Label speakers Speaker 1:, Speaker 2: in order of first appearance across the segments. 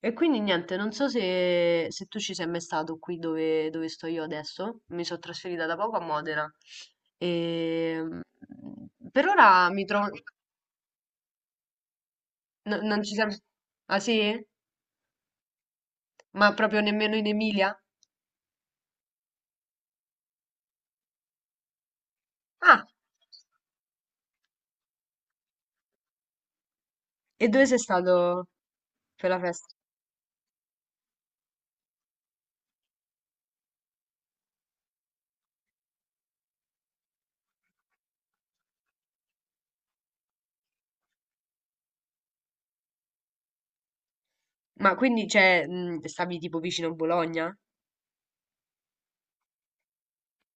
Speaker 1: E quindi niente, non so se tu ci sei mai stato qui dove sto io adesso, mi sono trasferita da poco a Modena. E per ora mi trovo. Non ci siamo. Ah sì? Ma proprio nemmeno in Emilia? Ah! E dove sei stato per la festa? Ma quindi, cioè, stavi tipo vicino a Bologna?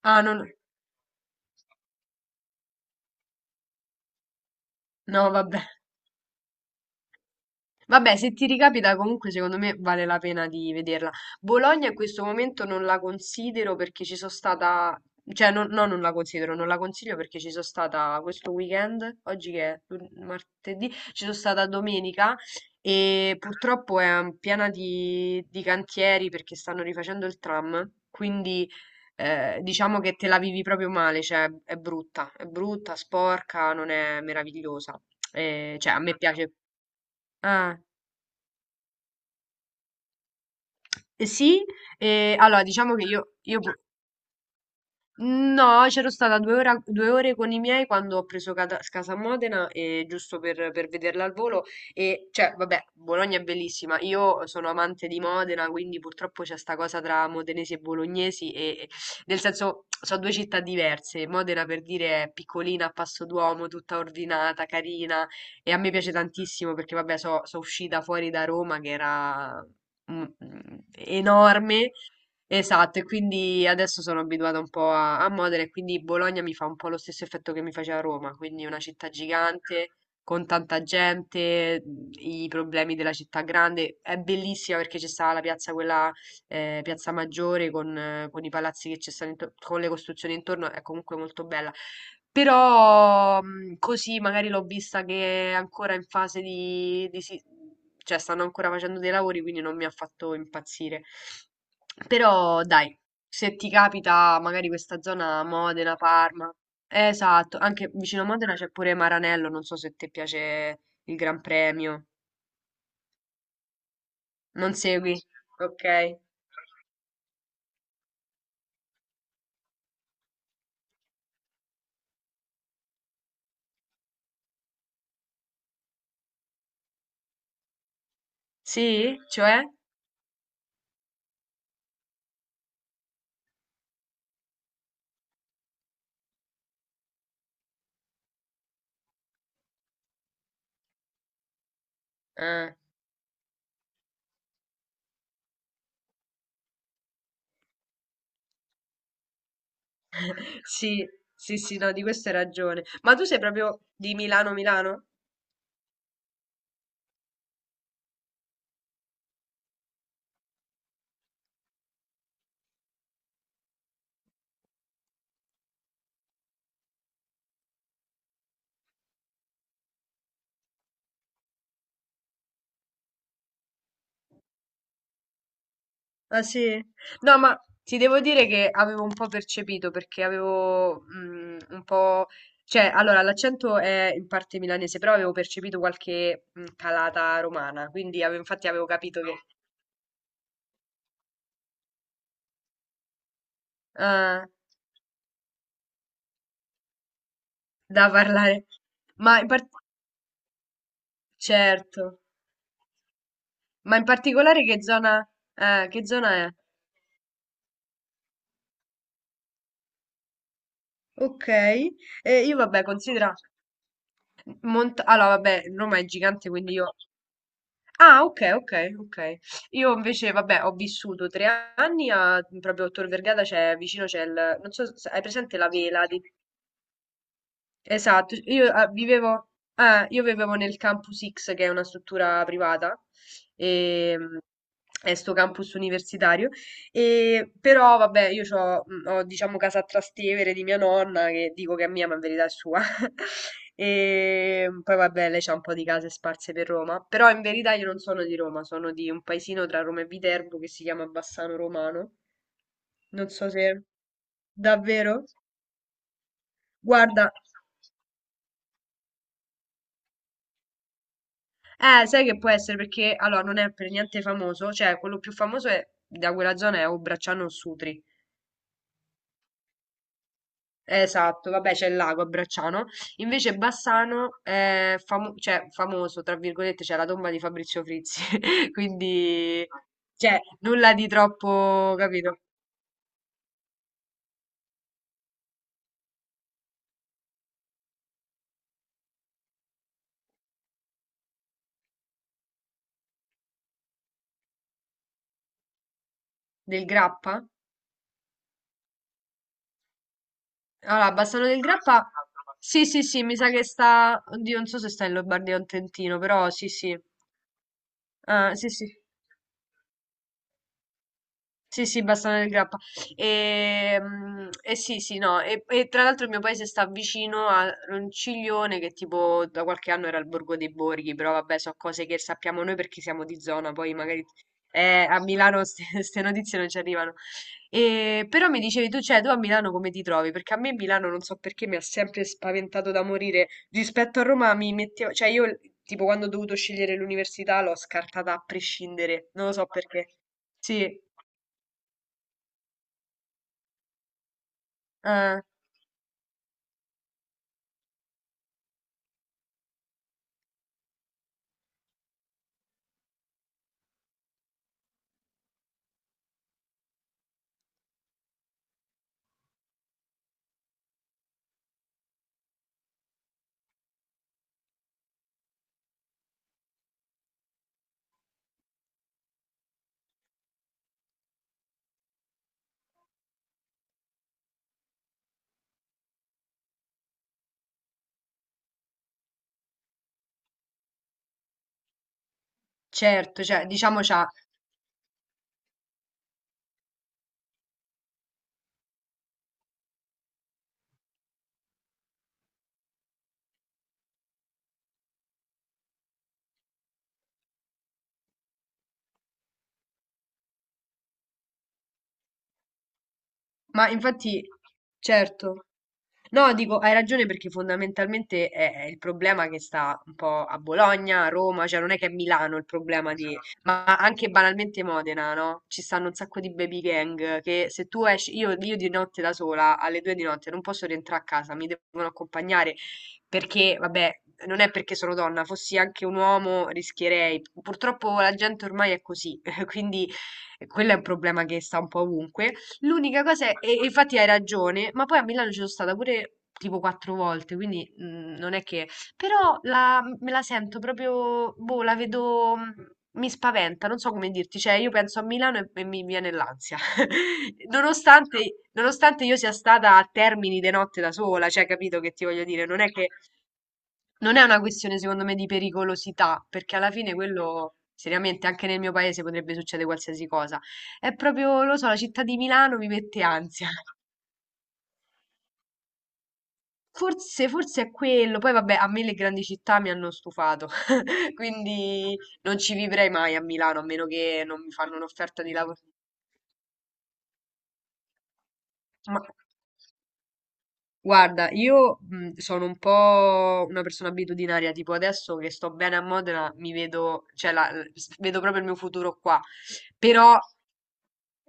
Speaker 1: Ah, non. No, vabbè. Vabbè, se ti ricapita, comunque secondo me vale la pena di vederla. Bologna in questo momento non la considero perché ci sono stata, cioè non, no, non la considero, non la consiglio perché ci sono stata questo weekend, oggi che è martedì, ci sono stata domenica e purtroppo è piena di cantieri perché stanno rifacendo il tram, quindi diciamo che te la vivi proprio male, cioè è brutta, sporca, non è meravigliosa. Cioè a me piace. Ah. Sì, allora diciamo che io no, c'ero stata due, due ore con i miei quando ho preso Casa Modena, giusto per vederla al volo. E cioè, vabbè, Bologna è bellissima. Io sono amante di Modena, quindi purtroppo c'è sta cosa tra modenesi e bolognesi, nel senso, sono due città diverse. Modena, per dire, è piccolina, a passo d'uomo, tutta ordinata, carina, e a me piace tantissimo perché, vabbè, sono uscita fuori da Roma, che era enorme. Esatto, e quindi adesso sono abituata un po' a Modena e quindi Bologna mi fa un po' lo stesso effetto che mi faceva Roma, quindi una città gigante, con tanta gente, i problemi della città grande. È bellissima perché c'è stata la piazza, quella Piazza Maggiore con i palazzi che ci stanno intorno, con le costruzioni intorno, è comunque molto bella. Però così magari l'ho vista che è ancora in fase di cioè stanno ancora facendo dei lavori, quindi non mi ha fatto impazzire. Però dai, se ti capita magari questa zona Modena, Parma. Esatto, anche vicino a Modena c'è pure Maranello, non so se ti piace il Gran Premio. Non segui? Ok. Sì? Cioè? Ah, sì, sì, sì, no, di questo hai ragione. Ma tu sei proprio di Milano, Milano? Ah sì? No, ma ti devo dire che avevo un po' percepito perché avevo un po'. Cioè, allora, l'accento è in parte milanese, però avevo percepito qualche calata romana, quindi infatti avevo capito che. Ah, da parlare. Ma in par- Certo. Ma in particolare che zona è? Ok. E io, vabbè, considera. Allora, vabbè, Roma è gigante, quindi io. Ah, okay, okay, okay. Io invece vabbè, ho vissuto 3 anni a proprio a Tor Vergata c'è vicino c'è il non so se hai presente la vela di. Esatto, io vivevo nel Campus X, che è una struttura privata, e, è sto campus universitario, e, però vabbè, io ho diciamo casa a Trastevere di mia nonna, che dico che è mia, ma in verità è sua, e poi vabbè, lei c'ha un po' di case sparse per Roma, però in verità io non sono di Roma, sono di un paesino tra Roma e Viterbo che si chiama Bassano Romano, non so se davvero, guarda. Sai che può essere perché allora non è per niente famoso, cioè quello più famoso da quella zona è o Bracciano o Sutri. Esatto, vabbè, c'è il lago a Bracciano. Invece Bassano è famoso, tra virgolette, c'è la tomba di Fabrizio Frizzi. Quindi, cioè, nulla di troppo, capito? Del Grappa? Allora, Bassano del Grappa. Sì, sì, sì, mi sa che sta. Oddio, non so se sta in Lombardia o in Trentino, però sì, sì. Ah, sì, sì. Sì, sì, Bassano del Grappa. E, sì, sì, no. E tra l'altro il mio paese sta vicino a Ronciglione, che tipo da qualche anno era il Borgo dei Borghi, però vabbè, so cose che sappiamo noi perché siamo di zona, poi magari a Milano queste notizie non ci arrivano. E, però mi dicevi tu, cioè, tu a Milano come ti trovi? Perché a me Milano non so perché mi ha sempre spaventato da morire. Rispetto a Roma mi mettevo, cioè io tipo quando ho dovuto scegliere l'università l'ho scartata a prescindere, non lo so perché. Sì. Eh, certo, cioè, diciamo c'ha, ma infatti, certo. No, dico, hai ragione perché fondamentalmente è il problema che sta un po' a Bologna, a Roma, cioè non è che è Milano il problema di. Ma anche banalmente Modena, no? Ci stanno un sacco di baby gang che se tu esci, io di notte da sola, alle due di notte, non posso rientrare a casa, mi devono accompagnare perché, vabbè, non è perché sono donna, fossi anche un uomo rischierei. Purtroppo la gente ormai è così, quindi quello è un problema che sta un po' ovunque. L'unica cosa è, e infatti hai ragione, ma poi a Milano ci sono stata pure tipo quattro volte, quindi non è che. Però me la sento proprio, boh, la vedo, mi spaventa, non so come dirti, cioè io penso a Milano e mi viene l'ansia, nonostante io sia stata a Termini di notte da sola, cioè capito che ti voglio dire, non è che non è una questione, secondo me, di pericolosità, perché alla fine quello, seriamente, anche nel mio paese potrebbe succedere qualsiasi cosa. È proprio, lo so, la città di Milano mi mette ansia. Forse, forse è quello. Poi, vabbè, a me le grandi città mi hanno stufato, quindi non ci vivrei mai a Milano, a meno che non mi fanno un'offerta di lavoro. Ma guarda, io sono un po' una persona abitudinaria, tipo adesso che sto bene a Modena, mi vedo, cioè, vedo proprio il mio futuro qua. Però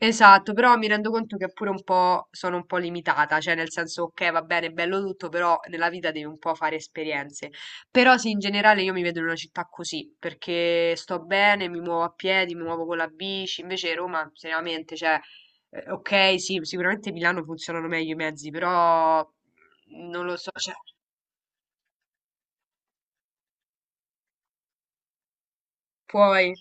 Speaker 1: Esatto, però mi rendo conto che pure un po' sono un po' limitata, cioè nel senso, ok, va bene, è bello tutto, però nella vita devi un po' fare esperienze. Però sì, in generale io mi vedo in una città così, perché sto bene, mi muovo a piedi, mi muovo con la bici, invece Roma, seriamente, cioè, ok, sì, sicuramente Milano funzionano meglio i mezzi, però non lo so, cioè, puoi,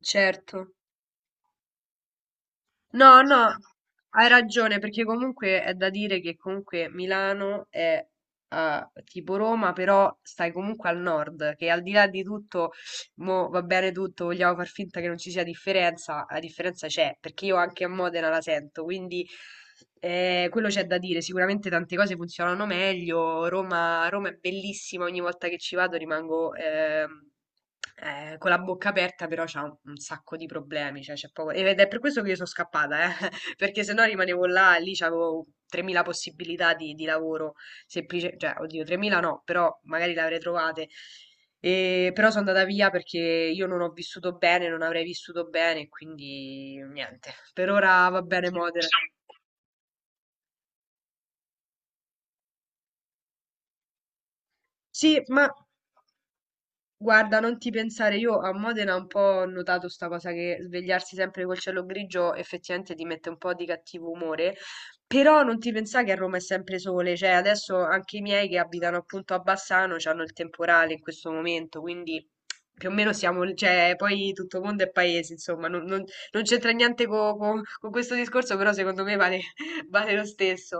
Speaker 1: certo. No, no, hai ragione, perché comunque è da dire che comunque Milano è tipo Roma, però stai comunque al nord, che al di là di tutto mo va bene tutto, vogliamo far finta che non ci sia differenza, la differenza c'è, perché io anche a Modena la sento, quindi quello c'è da dire, sicuramente tante cose funzionano meglio, Roma, Roma è bellissima, ogni volta che ci vado rimango con la bocca aperta, però c'ha un sacco di problemi, cioè c'è poco, ed è per questo che io sono scappata, perché se no rimanevo là, lì c'avevo 3.000 possibilità di lavoro semplice, cioè oddio 3.000 no, però magari le avrei trovate. Però sono andata via perché io non ho vissuto bene, non avrei vissuto bene, quindi niente. Per ora va bene Modena. Sì, ma guarda, non ti pensare, io a Modena un po' ho notato sta cosa che svegliarsi sempre col cielo grigio effettivamente ti mette un po' di cattivo umore, però non ti pensare che a Roma è sempre sole, cioè adesso anche i miei che abitano appunto a Bassano hanno il temporale in questo momento, quindi più o meno siamo, cioè poi tutto mondo è paese, insomma, non c'entra niente con questo discorso, però secondo me vale, vale lo stesso.